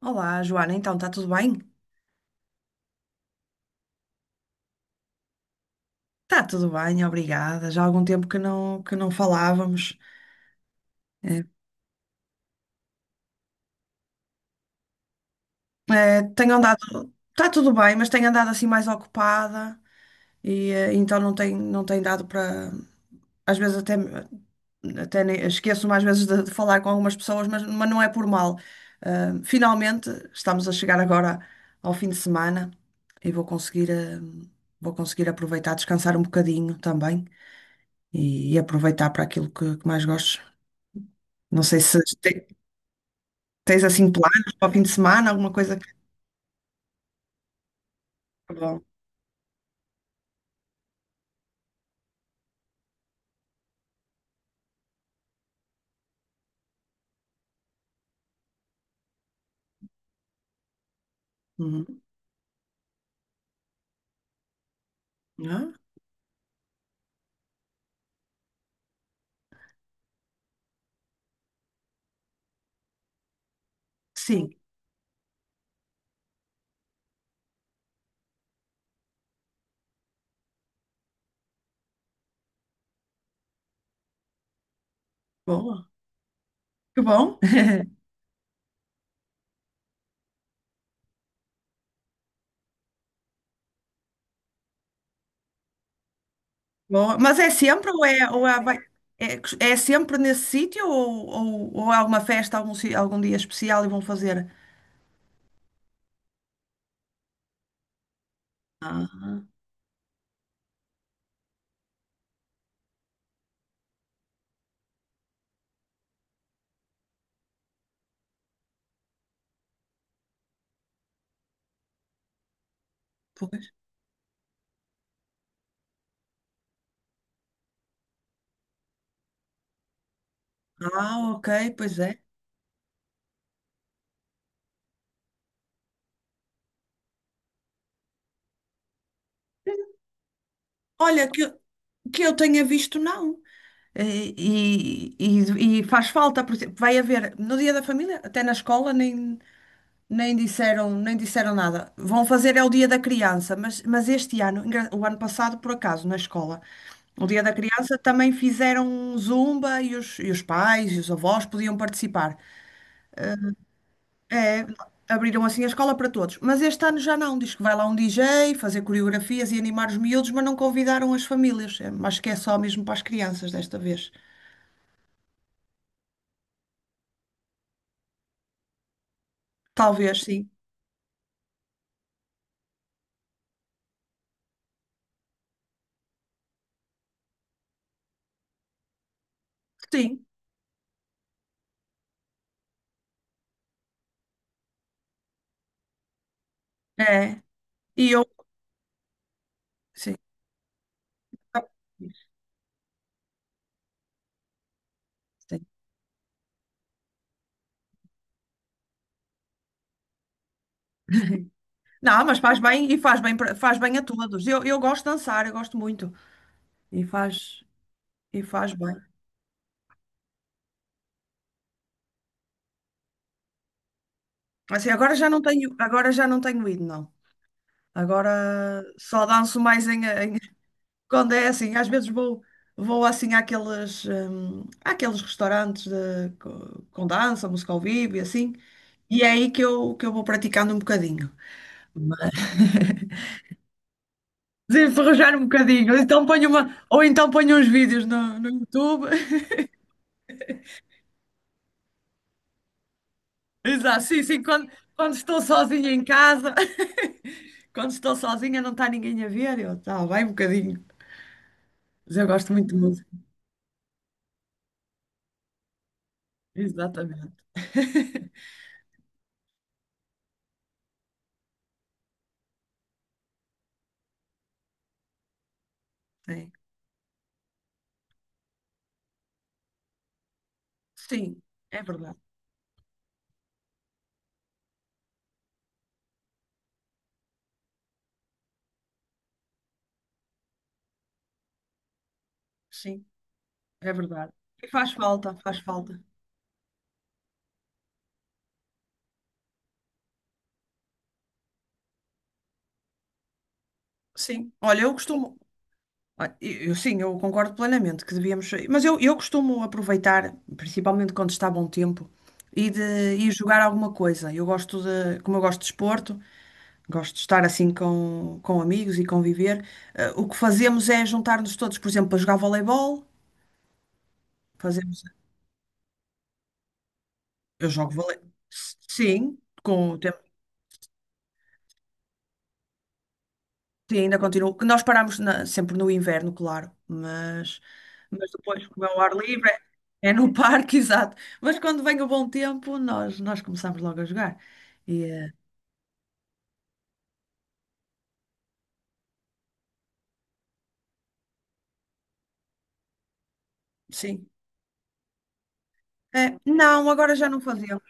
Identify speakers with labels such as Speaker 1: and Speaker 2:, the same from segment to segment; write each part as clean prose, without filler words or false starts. Speaker 1: Olá, Joana, então está tudo bem? Está tudo bem, obrigada. Já há algum tempo que não falávamos. É. É, tenho andado, está tudo bem, mas tenho andado assim mais ocupada e então não tem dado para. Às vezes até, esqueço-me às vezes de falar com algumas pessoas, mas não é por mal. Finalmente estamos a chegar agora ao fim de semana e vou conseguir, vou conseguir aproveitar, descansar um bocadinho também e aproveitar para aquilo que mais gosto. Não sei se te- Tens assim planos para o fim de semana, alguma coisa que. É bom. Uhum. Ah, sim, boa. Que bom. Boa. Mas é sempre ou é, vai- é, é sempre nesse sítio ou, ou há uma festa algum dia especial e vão fazer? Ah, pois. Ah, ok, pois é. Olha, que eu tenha visto, não. E faz falta, por exemplo, vai haver no Dia da Família, até na escola, nem. Nem disseram nada. Vão fazer é o Dia da Criança, mas este ano, o ano passado, por acaso, na escola, o Dia da Criança também fizeram um Zumba e os pais e os avós podiam participar. É, abriram assim a escola para todos. Mas este ano já não. Diz que vai lá um DJ fazer coreografias e animar os miúdos, mas não convidaram as famílias. É, acho que é só mesmo para as crianças desta vez. Talvez, sim. Sim, é. E eu. Sim. Sim. Não, mas faz bem, faz bem a todos. Eu gosto de dançar, eu gosto muito. E faz, e faz bem. Assim, agora já não tenho ido, não. Agora só danço mais quando é assim, às vezes vou assim àqueles, àqueles restaurantes com dança, música ao vivo e assim. E é aí que eu vou praticando um bocadinho. Mas enferrujar um bocadinho, então ponho uma, ou então ponho uns vídeos no, no YouTube. Exato, sim, sim, quando, quando estou sozinha em casa, quando estou sozinha não está ninguém a ver, eu tá, vai um bocadinho, mas eu gosto muito de música. Exatamente. Sim, sim, é verdade. Sim, é verdade. E faz falta, faz falta. Sim, olha, eu costumo. Olha, eu, eu concordo plenamente que devíamos. Mas eu costumo aproveitar, principalmente quando está bom tempo, e de ir jogar alguma coisa. Eu gosto de. Como eu gosto de desporto, gosto de estar assim com amigos e conviver. O que fazemos é juntar-nos todos, por exemplo, para jogar voleibol. Fazemos, eu jogo vole. Sim, com o tempo. Sim, ainda continuo. Que nós paramos sempre no inverno, claro, mas depois, como é o ar livre, é é no parque, exato. Mas quando vem o bom tempo, nós começamos logo a jogar. E, sim. É não, agora já não fazemos.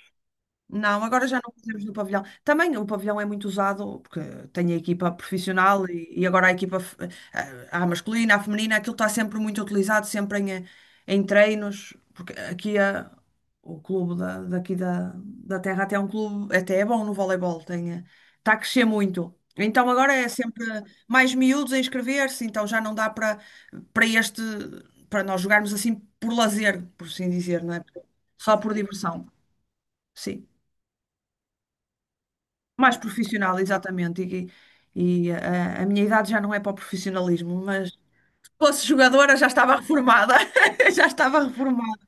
Speaker 1: Não, agora já não fazemos no pavilhão. Também o pavilhão é muito usado, porque tem a equipa profissional e agora a a masculina, a feminina, aquilo está sempre muito utilizado, sempre em, em treinos, porque o clube da, daqui da, da terra até é um clube, até é bom no voleibol, tem, está a crescer muito. Então agora é sempre mais miúdos a inscrever-se, então já não dá para para este, para nós jogarmos assim por lazer, por assim dizer, não é? Só por diversão. Sim mais profissional, exatamente. E a minha idade já não é para o profissionalismo, mas se fosse jogadora já estava reformada. Já estava reformada.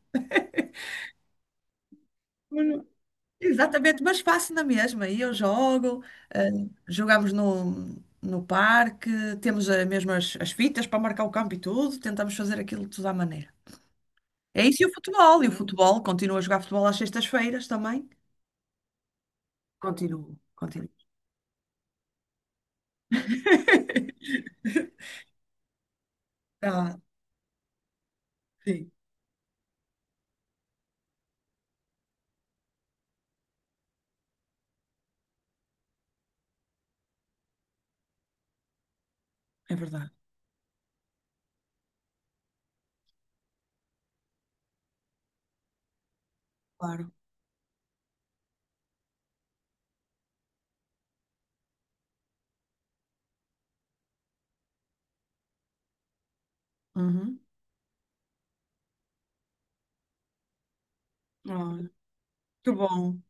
Speaker 1: Mas- Exatamente, mas faço na mesma. E eu jogo, eh, jogamos no, no parque, temos mesmo as, as fitas para marcar o campo e tudo, tentamos fazer aquilo tudo à maneira. É isso e o futebol. E o futebol, continuo a jogar futebol às sextas-feiras também. Continuo, continuo. Tá sim, é verdade, claro. Uhum. Olha, que bom.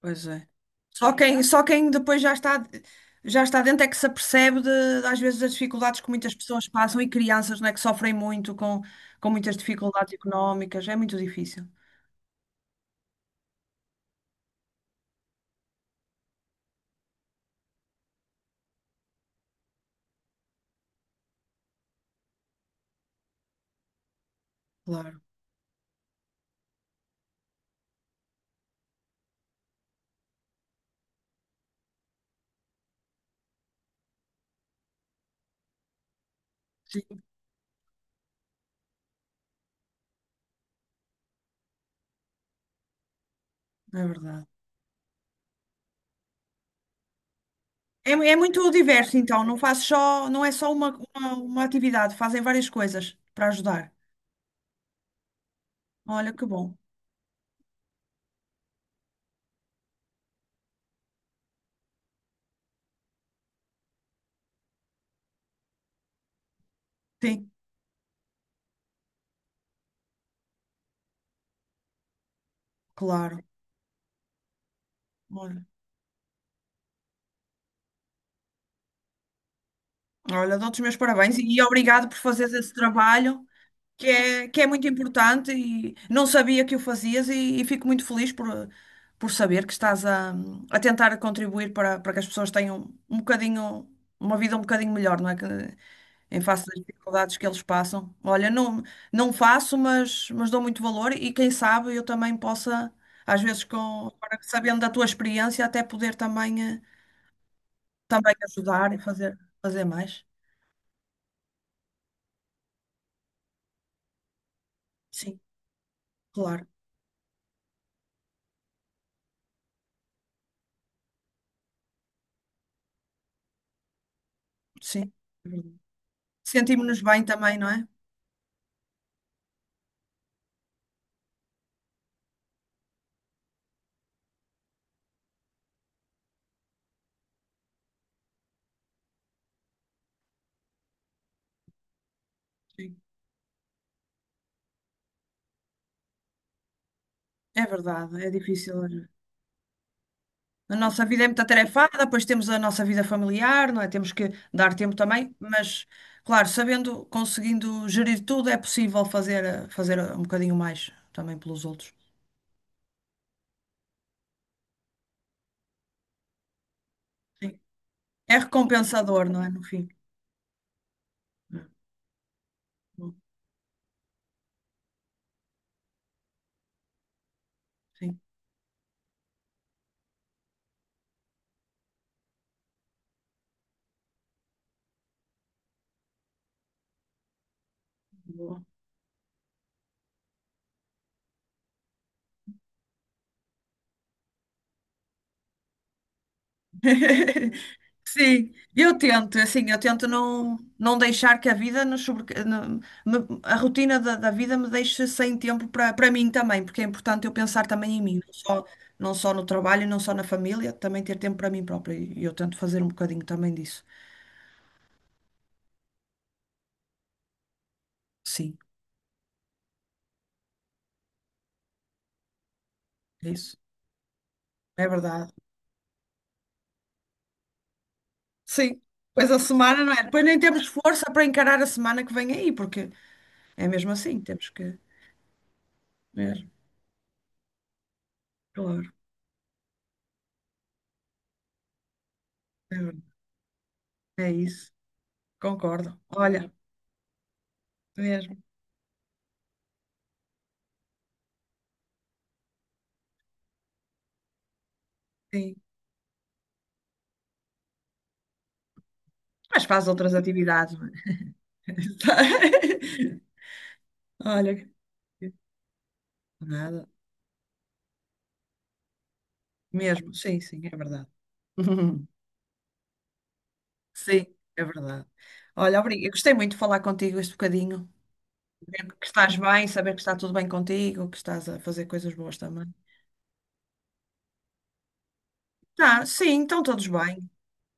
Speaker 1: Pois é. Só quem depois já está dentro é que se apercebe de, às vezes das dificuldades que muitas pessoas passam e crianças, não é, que sofrem muito com muitas dificuldades económicas. É muito difícil. Claro. Sim, é verdade. É, é muito diverso, então. Não faz só, não é só uma atividade. Fazem várias coisas para ajudar. Olha, que bom. Sim, claro. Olha, olha, dou-te os meus parabéns e obrigado por fazeres esse trabalho. Que é, que é muito importante e não sabia que o fazias e fico muito feliz por saber que estás a tentar contribuir para, para que as pessoas tenham um bocadinho, uma vida um bocadinho melhor, não é? Que, em face das dificuldades que eles passam. Olha, não, não faço, mas dou muito valor e quem sabe eu também possa, às vezes, com, agora sabendo da tua experiência, até poder também, também ajudar e fazer, fazer mais. Sim, claro, sim. Sentimos-nos bem também, não é? Sim. É verdade, é difícil. Olha. A nossa vida é muito atarefada, depois temos a nossa vida familiar, não é? Temos que dar tempo também, mas, claro, sabendo, conseguindo gerir tudo, é possível fazer, fazer um bocadinho mais também pelos outros. Sim. É recompensador, não é? No fim. Sim. Boa. Sim, eu tento, é assim, eu tento não, não deixar que a rotina da, da vida me deixe sem tempo para para mim também, porque é importante eu pensar também em mim, não só, não só no trabalho, não só na família, também ter tempo para mim própria. E eu tento fazer um bocadinho também disso. Sim, é isso. É verdade. Sim. Pois a semana, não é? Depois nem temos força para encarar a semana que vem aí, porque é mesmo assim, temos que. Mesmo, claro. É verdade. É isso. Concordo. Olha, mesmo. Sim. Mas faz outras atividades. Não é? Olha, nada. Mesmo, sim, sim, é verdade. Sim, é verdade. Olha, obrigada. Eu gostei muito de falar contigo este bocadinho. Saber que estás bem, saber que está tudo bem contigo, que estás a fazer coisas boas também. Tá, sim, estão todos bem.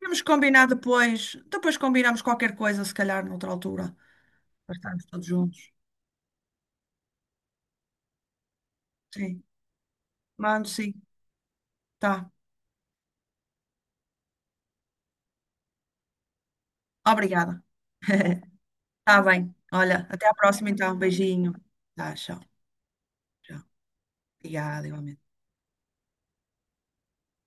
Speaker 1: Temos que combinar depois. Depois combinamos qualquer coisa, se calhar, noutra altura, para estarmos todos juntos. Sim, mando sim. Tá. Obrigada. Tá bem. Olha, até à próxima então. Beijinho. Tá, tchau. Já. Obrigada, igualmente.